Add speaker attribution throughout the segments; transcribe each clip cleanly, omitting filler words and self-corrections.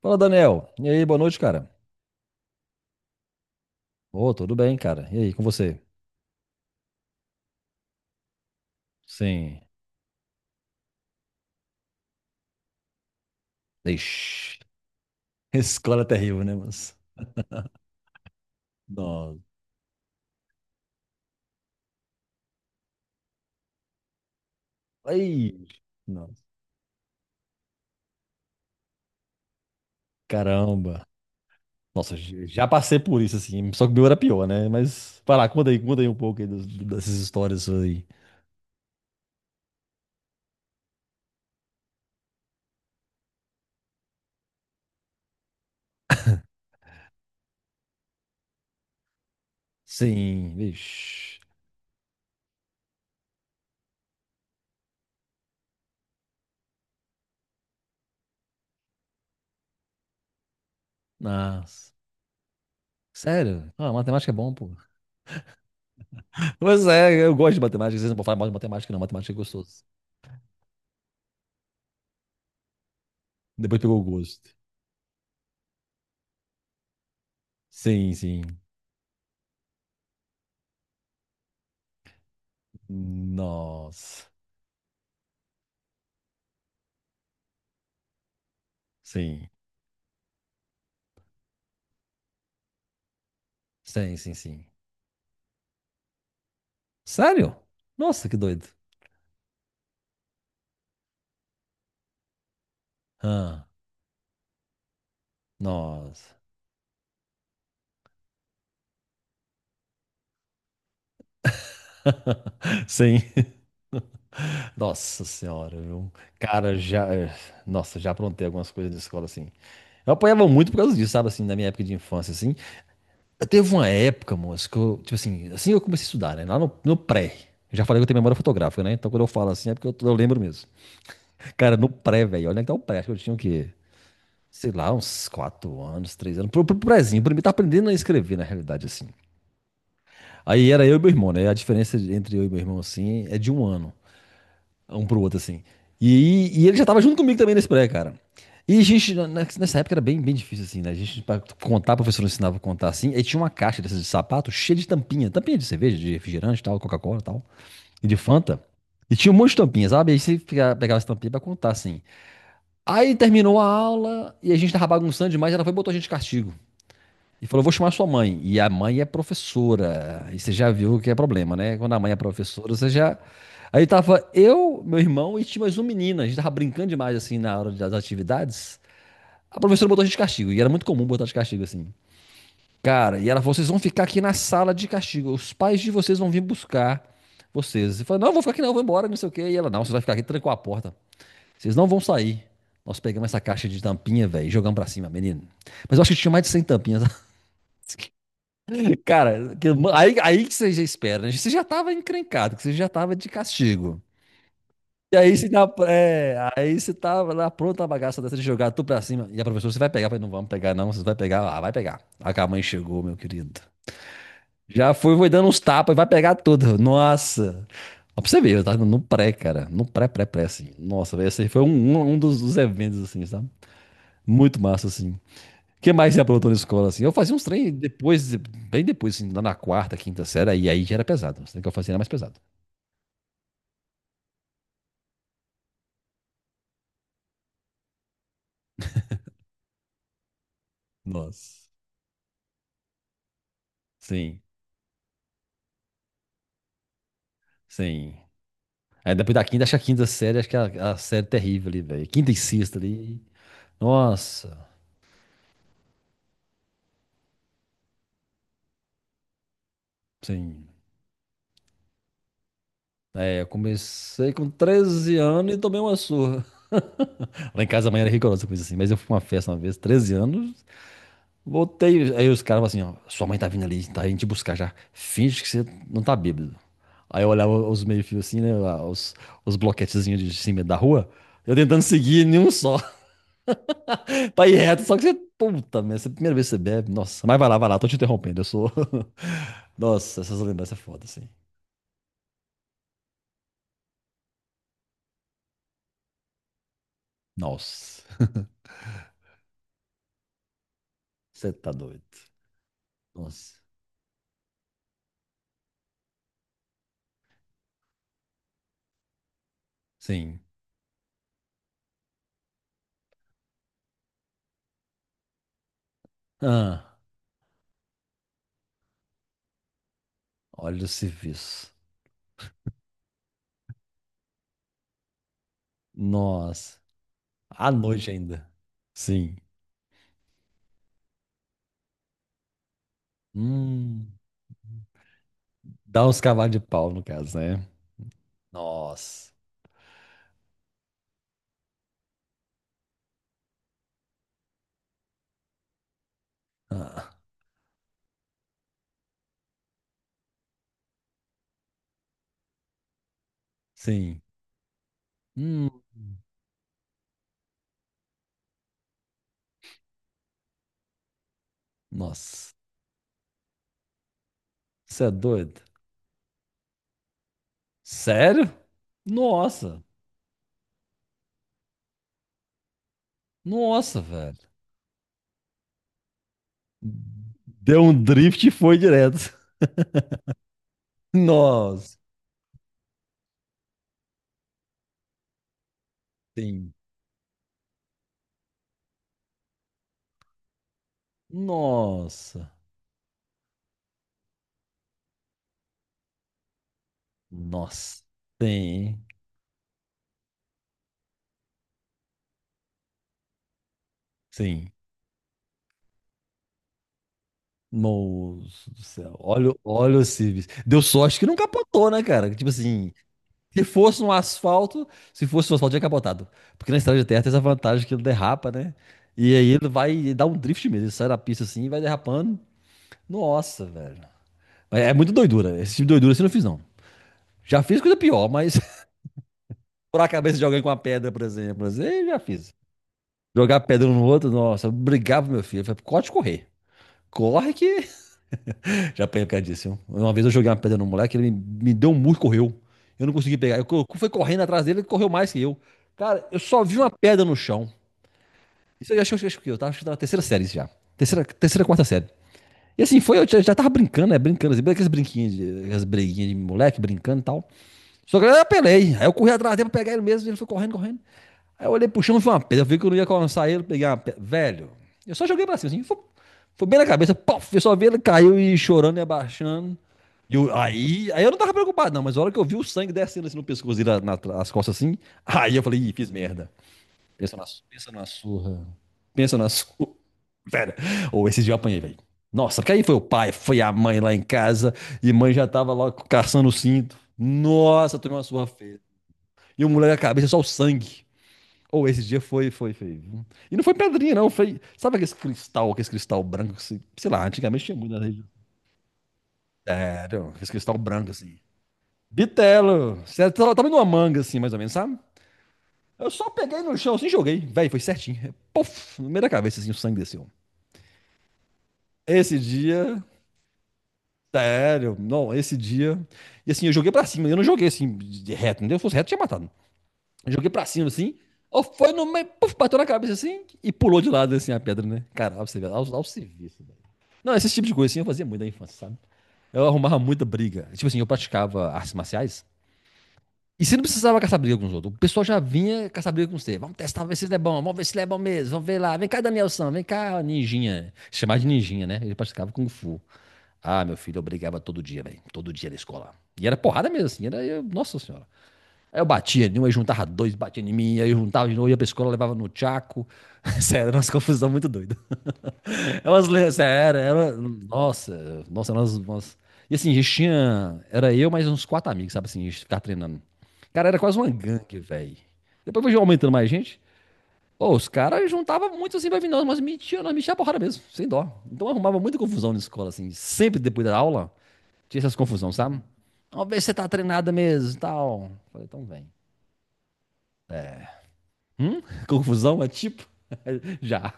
Speaker 1: Fala, Daniel. E aí, boa noite, cara. Ô, tudo bem, cara. E aí, com você? Sim. Ixi. Escola é terrível, né, mas... Nossa. Ai, nossa. Caramba. Nossa, já passei por isso, assim. Só que o meu era pior, né? Mas, vai lá, conta aí um pouco aí dessas histórias suas aí. Sim, vixi. Nossa. Sério? Ah, matemática é bom, pô. Pois é, eu gosto de matemática. Vocês não podem falar mal de matemática, não. Matemática é gostoso. Depois pegou o gosto. Sim, sim. Nossa. Sim, sim, sim, sim. Sério? Nossa, que doido. Ah, nossa. Sim. Nossa senhora, viu? Cara, já. Nossa, já aprontei algumas coisas na escola assim. Eu apanhava muito por causa disso, sabe, assim, na minha época de infância, assim. Eu teve uma época, moço, que eu, tipo assim, assim que eu comecei a estudar, né? Lá no pré. Eu já falei que eu tenho memória fotográfica, né? Então quando eu falo assim é porque eu lembro mesmo. Cara, no pré, velho, olha que tá o pré, acho que eu tinha o quê? Sei lá, uns 4 anos, 3 anos. Pro prézinho, pra mim tá aprendendo a escrever, na realidade, assim. Aí era eu e meu irmão, né? A diferença entre eu e meu irmão, assim, é de um ano, um pro outro, assim. E ele já tava junto comigo também nesse pré, cara. E a gente, nessa época era bem, bem difícil, assim, né? A gente, pra contar, a professora ensinava a contar assim. E tinha uma caixa dessas de sapato cheia de tampinha. Tampinha de cerveja, de refrigerante e tal, Coca-Cola e tal. E de Fanta. E tinha um monte de tampinha, sabe? Aí pegava essa tampinha pra contar, assim. Aí terminou a aula e a gente tava bagunçando demais. Ela foi e botou a gente de castigo. E falou, vou chamar sua mãe. E a mãe é professora. E você já viu que é problema, né? Quando a mãe é professora, você já. Aí tava eu, meu irmão e tinha mais um menina. A gente tava brincando demais, assim, na hora das atividades. A professora botou a gente de castigo. E era muito comum botar de castigo, assim. Cara, e ela falou, vocês vão ficar aqui na sala de castigo. Os pais de vocês vão vir buscar vocês. Eu falei, não, eu vou ficar aqui não, eu vou embora, não sei o quê. E ela, não, você vai ficar aqui, trancou a porta. Vocês não vão sair. Nós pegamos essa caixa de tampinha, velho, e jogamos pra cima, menino. Mas eu acho que tinha mais de 100 tampinhas. Cara, aí, aí que você já espera, né? Você já tava encrencado, que você já tava de castigo. E aí aí você tava lá pronto a bagaça dessa de jogar tudo pra cima. E a professora, você vai pegar? Eu falei, não vamos pegar, não. Você vai pegar? Ah, vai pegar. Aí que a mãe chegou, meu querido. Já foi, foi dando uns tapas, vai pegar tudo. Nossa. Ó, pra você ver, eu tava no pré, cara. No pré, pré, pré, assim. Nossa, velho, esse aí foi um dos eventos, assim, sabe? Muito massa, assim. O que mais você aprontou na escola, assim? Eu fazia uns trem depois, bem depois, assim, lá na quarta, quinta série, e aí já era pesado. Os trem que eu fazia era mais pesado. Nossa. Sim, sim. Aí depois da quinta, acho que a quinta série, acho que é a série terrível ali, velho. Quinta e sexta ali. Nossa, sim. É, eu comecei com 13 anos e tomei uma surra. Lá em casa a mãe era rigorosa com isso assim, mas eu fui pra uma festa uma vez, 13 anos, voltei. Aí os caras falaram assim, ó, sua mãe tá vindo ali, tá indo te buscar já. Finge que você não tá bêbado. Aí eu olhava os meio-fios assim, né? Lá, os bloquetezinhos de cima da rua. Eu tentando seguir nenhum só. Pra ir reto, só que você. Puta merda, essa é a primeira vez que você bebe. Nossa, mas vai lá, tô te interrompendo. Eu sou. Nossa, essas lembranças é foda, assim. Nossa, você tá doido. Nossa. Sim. Ah, olha o serviço. Nossa. À noite ainda. Sim. Hum. Dá uns cavalos de pau, no caso, né? Nossa. Ah, sim. Hum, nossa. Você é doido? Sério? Nossa. Nossa, velho. Deu um drift e foi direto. Nossa. Sim. Nossa. Nossa. Sim. Sim. Moço do céu. Olha, olha o Civis. Deu sorte que não capotou, né, cara? Tipo assim, se fosse um asfalto, se fosse um asfalto, tinha capotado. Porque na estrada de terra tem essa vantagem que ele derrapa, né? E aí ele vai dar um drift mesmo. Ele sai da pista assim e vai derrapando. Nossa, velho. Mas é muito doidura. Esse tipo de doidura assim eu não fiz, não. Já fiz coisa pior, mas furar a cabeça de alguém com uma pedra, por exemplo. Assim, eu já fiz. Jogar pedra um no outro, nossa, eu brigava com meu filho. Eu falei, corre correr. Corre que já apanhei por causa disso, viu? Uma vez eu joguei uma pedra no moleque, ele me deu um murro e correu. Eu não consegui pegar. Eu fui correndo atrás dele, ele correu mais que eu. Cara, eu só vi uma pedra no chão. Isso eu acho que eu, acho que eu tava, acho que eu tava na terceira série isso já. Terceira, terceira, quarta série. E assim, foi, eu já tava brincando, né? Brincando, assim, aquelas brinquinhas, aquelas breguinhas de moleque, brincando e tal. Só que eu apelei. Aí eu corri atrás dele pra pegar ele mesmo, e ele foi correndo, correndo. Aí eu olhei pro chão e vi uma pedra. Eu vi que eu não ia alcançar ele, peguei uma pedra. Velho, eu só joguei pra cima, assim, foi bem na cabeça, pof, eu só vi ele caiu e chorando e abaixando. E aí eu não tava preocupado, não, mas a hora que eu vi o sangue descendo assim no pescoço dele, nas costas assim, aí eu falei, ih, fiz merda. Pensa na, pensa na surra. Pensa na surra. Pera. Ou esses dias eu apanhei, velho. Nossa, porque aí foi o pai, foi a mãe lá em casa. E mãe já tava lá caçando o cinto. Nossa, tomei uma surra feia. E o moleque a cabeça só o sangue. Ou esse dia foi. E não foi pedrinha, não. Foi. Sabe aquele cristal branco? Que se- Sei lá, antigamente tinha muito na região. Sério, aquele cristal branco assim. Bitelo. Sério, tava numa manga assim, mais ou menos, sabe? Eu só peguei no chão assim e joguei. Véi, foi certinho. Puf, no meio da cabeça assim, o sangue desceu. Esse dia, sério, não, esse dia. E assim, eu joguei pra cima, eu não joguei assim, de reto, entendeu? Se fosse reto, tinha matado. Eu joguei pra cima, assim, ó foi no meio, puf, bateu na cabeça assim, e pulou de lado, assim, a pedra, né? Caralho, você vê, lá, o serviço, velho. Não, esse tipo de coisa, assim, eu fazia muito na infância, sabe? Eu arrumava muita briga. Tipo assim, eu praticava artes marciais. E você não precisava caçar briga com os outros. O pessoal já vinha caçar briga com você. Vamos testar, vamos ver se ele é bom. Vamos ver se ele é bom mesmo. Vamos ver lá. Vem cá, Danielson. Vem cá, ninjinha. Chamar de ninjinha, né? Ele praticava Kung Fu. Ah, meu filho, eu brigava todo dia, velho. Todo dia na escola. E era porrada mesmo, assim. Era, nossa senhora. Aí eu batia em um, aí juntava dois, batia em mim, aí eu juntava de novo, ia pra escola, levava no tchaco. Sério, era umas confusão muito doida. É sério, era, nossa, nossa, nós. E assim, a gente tinha, era eu mais uns quatro amigos, sabe assim, a gente ficava treinando. Cara, era quase uma gangue, velho. Depois foi aumentando mais gente. Pô, os caras juntavam muito assim pra vir, nós, mas metiam, nós metia a porrada mesmo, sem dó. Então arrumava muita confusão na escola, assim, sempre depois da aula, tinha essas confusões, sabe? Vamos ver se você tá treinada mesmo e tal. Falei, então vem. Hum? Confusão é tipo? Já.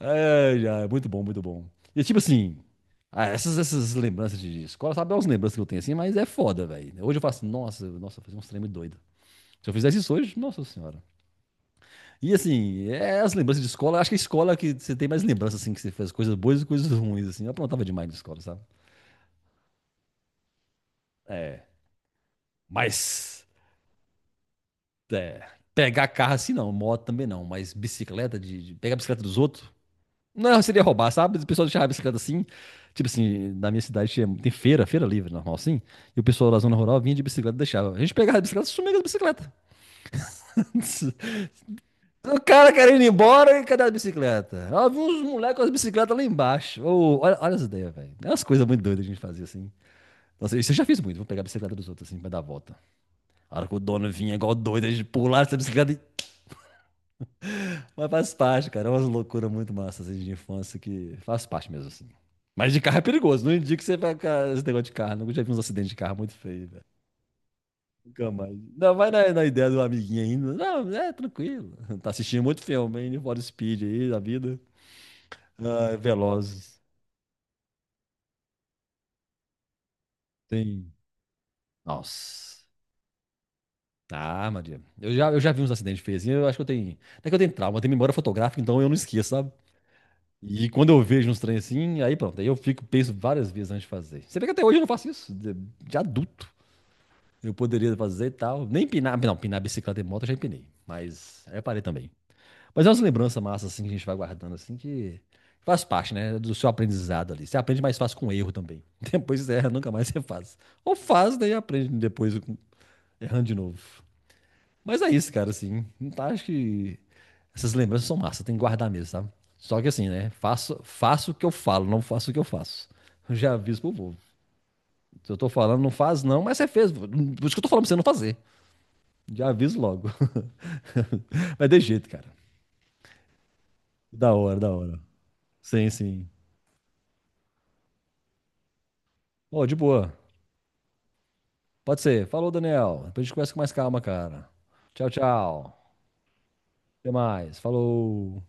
Speaker 1: É, já, é muito bom, muito bom. E tipo assim, ah, essas lembranças de escola, sabe, é umas lembranças que eu tenho assim, mas é foda, velho. Hoje eu faço, nossa, nossa, eu fazia uns treinos doido. Se eu fizesse isso hoje, nossa senhora. E assim, é as lembranças de escola, acho que a escola é que você tem mais lembranças, assim, que você fez coisas boas e coisas ruins, assim. Eu aprontava demais na escola, sabe? É, mas, é, pegar carro assim não, moto também não, mas bicicleta, de pegar a bicicleta dos outros. Não, seria roubar, sabe? O pessoal deixava a bicicleta assim. Tipo assim, na minha cidade tinha, tem feira, feira livre, normal assim. E o pessoal da zona rural vinha de bicicleta e deixava. A gente pegava a bicicleta e sumia com as bicicletas. O cara querendo ir embora e cadê a bicicleta? Ó, vi uns moleques com as bicicletas lá embaixo. Ô, olha, olha as ideias, velho. É umas coisas muito doidas que a gente fazia assim. Nossa, isso eu já fiz muito. Vou pegar a bicicleta dos outros assim pra dar a volta. A hora que o dono vinha igual doido, a gente pulava essa bicicleta e... Mas faz parte, cara. É umas loucuras muito massas assim, de infância que faz parte mesmo, assim. Mas de carro é perigoso. Não indico que você vai ficar esse negócio de carro. Nunca já vi uns acidentes de carro muito feio, velho. Nunca mais. Não, vai na ideia do amiguinho ainda. Não, é tranquilo. Tá assistindo muito filme, hein? Need Speed aí, da vida. Ah, Velozes. Tem. Nossa. Ah, Maria. Eu já vi uns acidentes feios, assim. Eu acho que eu tenho. Até que eu tenho trauma, eu tenho memória fotográfica, então eu não esqueço, sabe? E quando eu vejo uns trem assim, aí pronto, aí eu fico, penso várias vezes antes de fazer. Você vê que até hoje eu não faço isso, de adulto. Eu poderia fazer e tal. Nem pinar, não, pinar bicicleta e moto eu já empinei, mas aí eu parei também. Mas é umas lembranças massas assim que a gente vai guardando assim que faz parte, né, do seu aprendizado ali. Você aprende mais fácil com erro também. Depois você erra, nunca mais você faz. Ou faz, daí aprende depois errando de novo. Mas é isso, cara, assim. Não tá, acho que essas lembranças são massa, tem que guardar mesmo, sabe? Só que assim, né? Faço o que eu falo, não faço o que eu faço. Eu já aviso pro povo. Se eu tô falando, não faz não, mas você fez. Por isso que eu tô falando pra você não fazer. Já aviso logo. Mas de jeito, cara. Da hora, da hora. Sim, sim. Ô, de boa. Pode ser. Falou, Daniel. Depois a gente conversa com mais calma, cara. Tchau, tchau. Até mais. Falou.